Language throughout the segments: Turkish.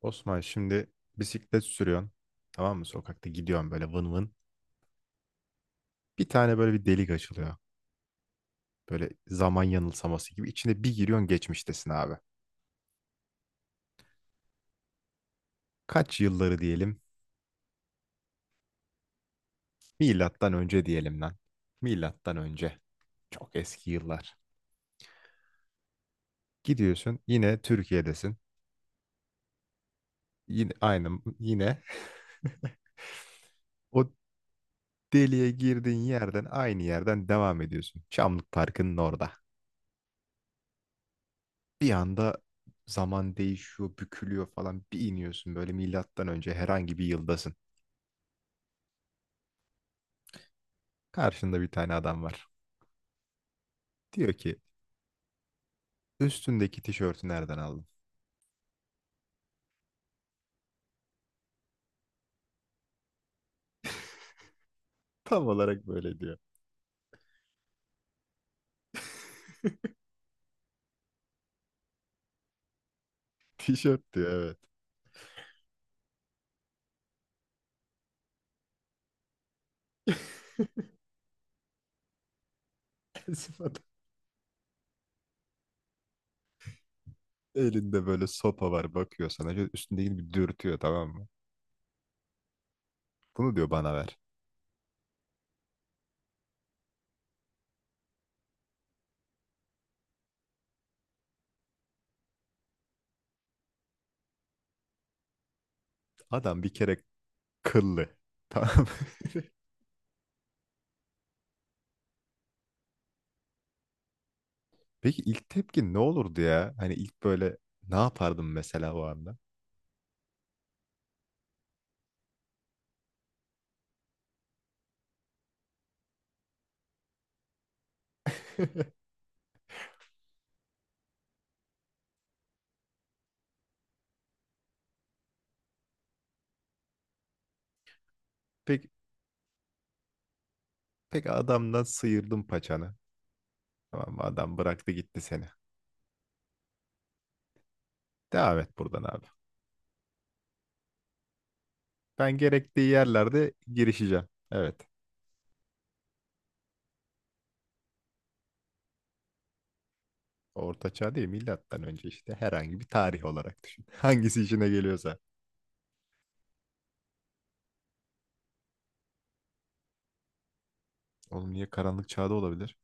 Osman şimdi bisiklet sürüyorsun. Tamam mı? Sokakta gidiyorsun böyle vın vın. Bir tane böyle bir delik açılıyor. Böyle zaman yanılsaması gibi. İçine bir giriyorsun geçmiştesin abi. Kaç yılları diyelim? Milattan önce diyelim lan. Milattan önce. Çok eski yıllar. Gidiyorsun yine Türkiye'desin. Yine aynı yine o deliğe girdiğin yerden aynı yerden devam ediyorsun. Çamlık Parkı'nın orada. Bir anda zaman değişiyor, bükülüyor falan. Bir iniyorsun böyle milattan önce herhangi bir yıldasın. Karşında bir tane adam var. Diyor ki üstündeki tişörtü nereden aldın? Tam olarak böyle diyor. Tişört diyor, evet. Esif adam. Elinde böyle sopa var bakıyor sana. Şöyle üstündekini bir dürtüyor, tamam mı? Bunu diyor bana ver. Adam bir kere kıllı. Tamam mı? Peki ilk tepkin ne olurdu ya? Hani ilk böyle ne yapardım mesela o anda? Peki Peki, adamdan sıyırdın paçanı. Tamam mı? Adam bıraktı gitti seni. Devam et buradan abi. Ben gerektiği yerlerde girişeceğim. Evet. Orta çağ değil, milattan önce işte herhangi bir tarih olarak düşün. Hangisi işine geliyorsa. Oğlum niye, karanlık çağda olabilir?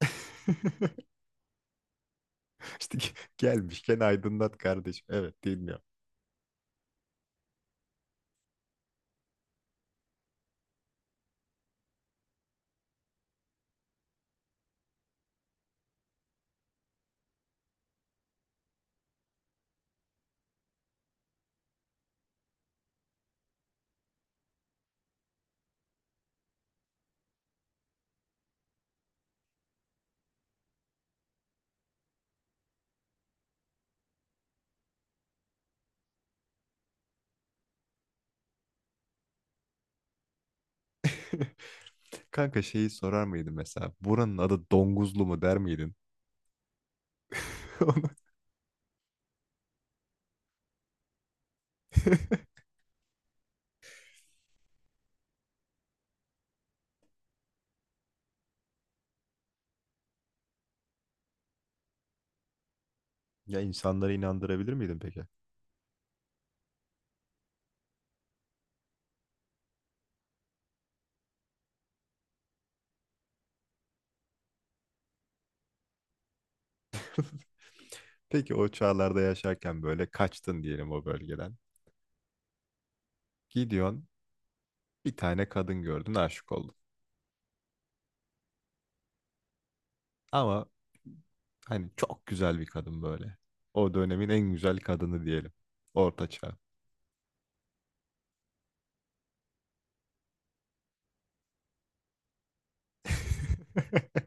İşte gelmişken aydınlat kardeşim. Evet, dinliyorum. Kanka şeyi sorar mıydın mesela? Buranın adı Donguzlu mu der miydin? Onu- Ya insanları inandırabilir miydin peki? Peki o çağlarda yaşarken böyle kaçtın diyelim o bölgeden. Gidiyorsun bir tane kadın gördün aşık oldun. Ama hani çok güzel bir kadın böyle. O dönemin en güzel kadını diyelim. Orta çağ.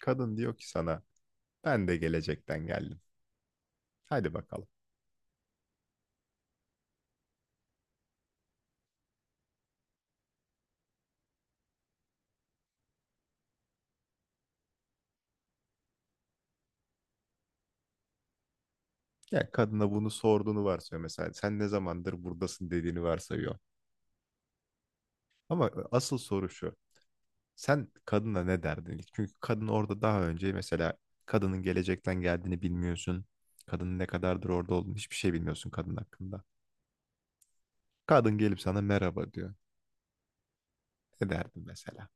Kadın diyor ki sana ben de gelecekten geldim. Hadi bakalım. Ya kadına bunu sorduğunu varsayıyor mesela. Sen ne zamandır buradasın dediğini varsayıyor. Ama asıl soru şu. Sen kadına ne derdin ilk? Çünkü kadın orada daha önce mesela kadının gelecekten geldiğini bilmiyorsun. Kadının ne kadardır orada olduğunu hiçbir şey bilmiyorsun kadın hakkında. Kadın gelip sana merhaba diyor. Ne derdin mesela?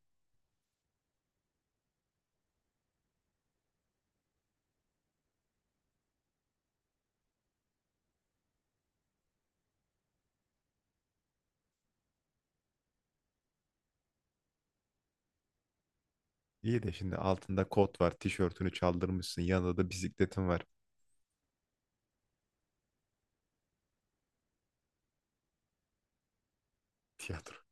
İyi de şimdi altında kot var, tişörtünü çaldırmışsın, yanında da bisikletin var. Tiyatro.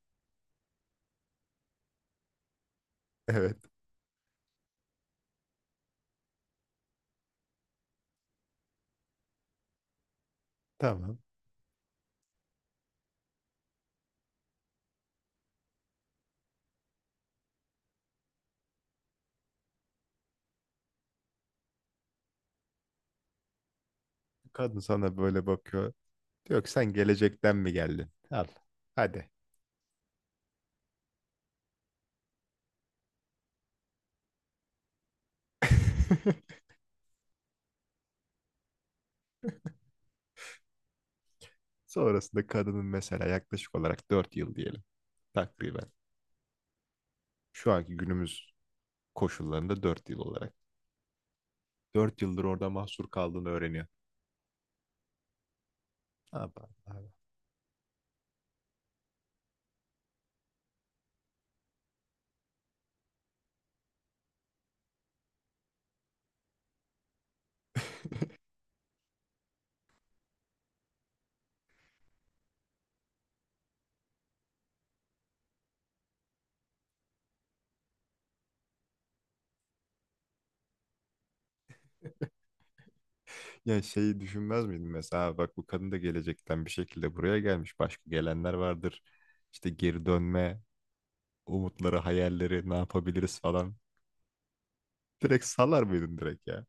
Evet, tamam. Kadın sana böyle bakıyor. Diyor ki sen gelecekten mi geldin? Al, hadi. Sonrasında kadının mesela yaklaşık olarak 4 yıl diyelim, takriben. Şu anki günümüz koşullarında 4 yıl olarak. 4 yıldır orada mahsur kaldığını öğreniyor. Abi, abi. Ya şeyi düşünmez miydin mesela, bak bu kadın da gelecekten bir şekilde buraya gelmiş. Başka gelenler vardır. İşte geri dönme umutları, hayalleri, ne yapabiliriz falan. Direkt salar mıydın direkt ya?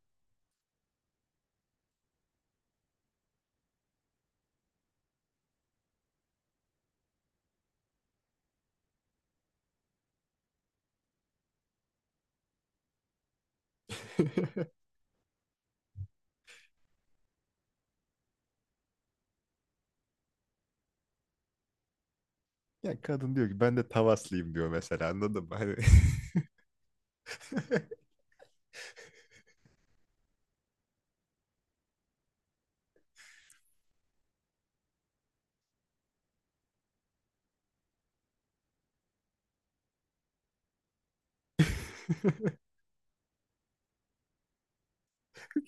Ya kadın diyor ki ben de Tavaslıyım diyor mesela, anladın mı? Hani...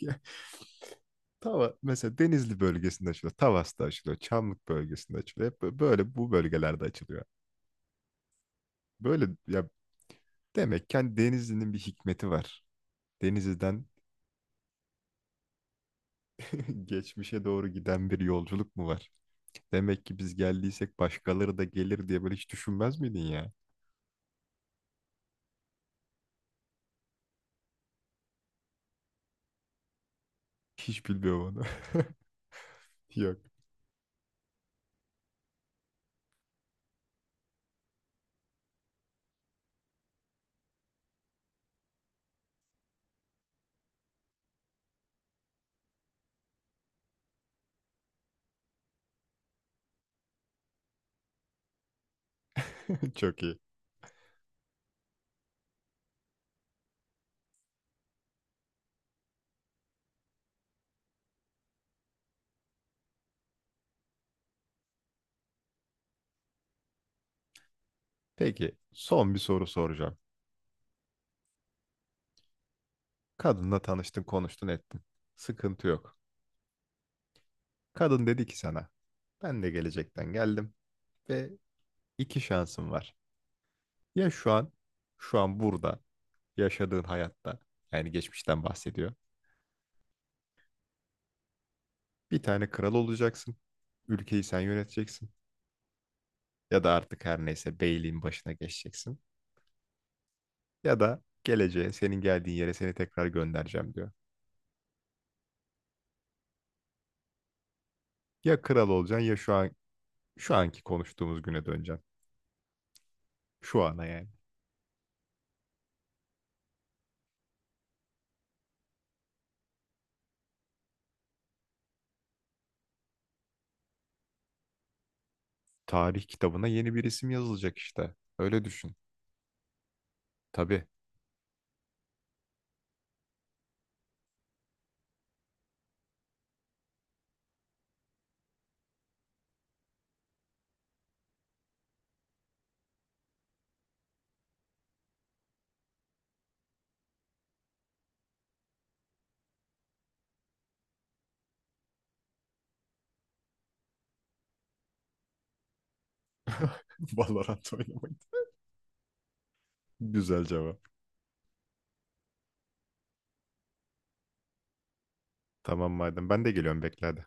Ya, mesela Denizli bölgesinde açılıyor. Tavas'ta açılıyor. Çamlık bölgesinde açılıyor. Hep böyle bu bölgelerde açılıyor. Böyle ya. Demek ki hani, Denizli'nin bir hikmeti var. Denizli'den geçmişe doğru giden bir yolculuk mu var? Demek ki biz geldiysek başkaları da gelir diye böyle hiç düşünmez miydin ya? Hiç bilmiyorum onu. Yok. Çok iyi. Peki son bir soru soracağım. Kadınla tanıştın, konuştun, ettin. Sıkıntı yok. Kadın dedi ki sana, ben de gelecekten geldim ve iki şansım var. Ya şu an, şu an burada yaşadığın hayatta, yani geçmişten bahsediyor. Bir tane kral olacaksın. Ülkeyi sen yöneteceksin. Ya da artık her neyse beyliğin başına geçeceksin. Ya da geleceğe, senin geldiğin yere seni tekrar göndereceğim diyor. Ya kral olacaksın ya şu an, şu anki konuştuğumuz güne döneceksin. Şu ana yani. Tarih kitabına yeni bir isim yazılacak işte. Öyle düşün. Tabii. Valorant oynamayı. Güzel cevap. Tamam madem, ben de geliyorum, bekle hadi.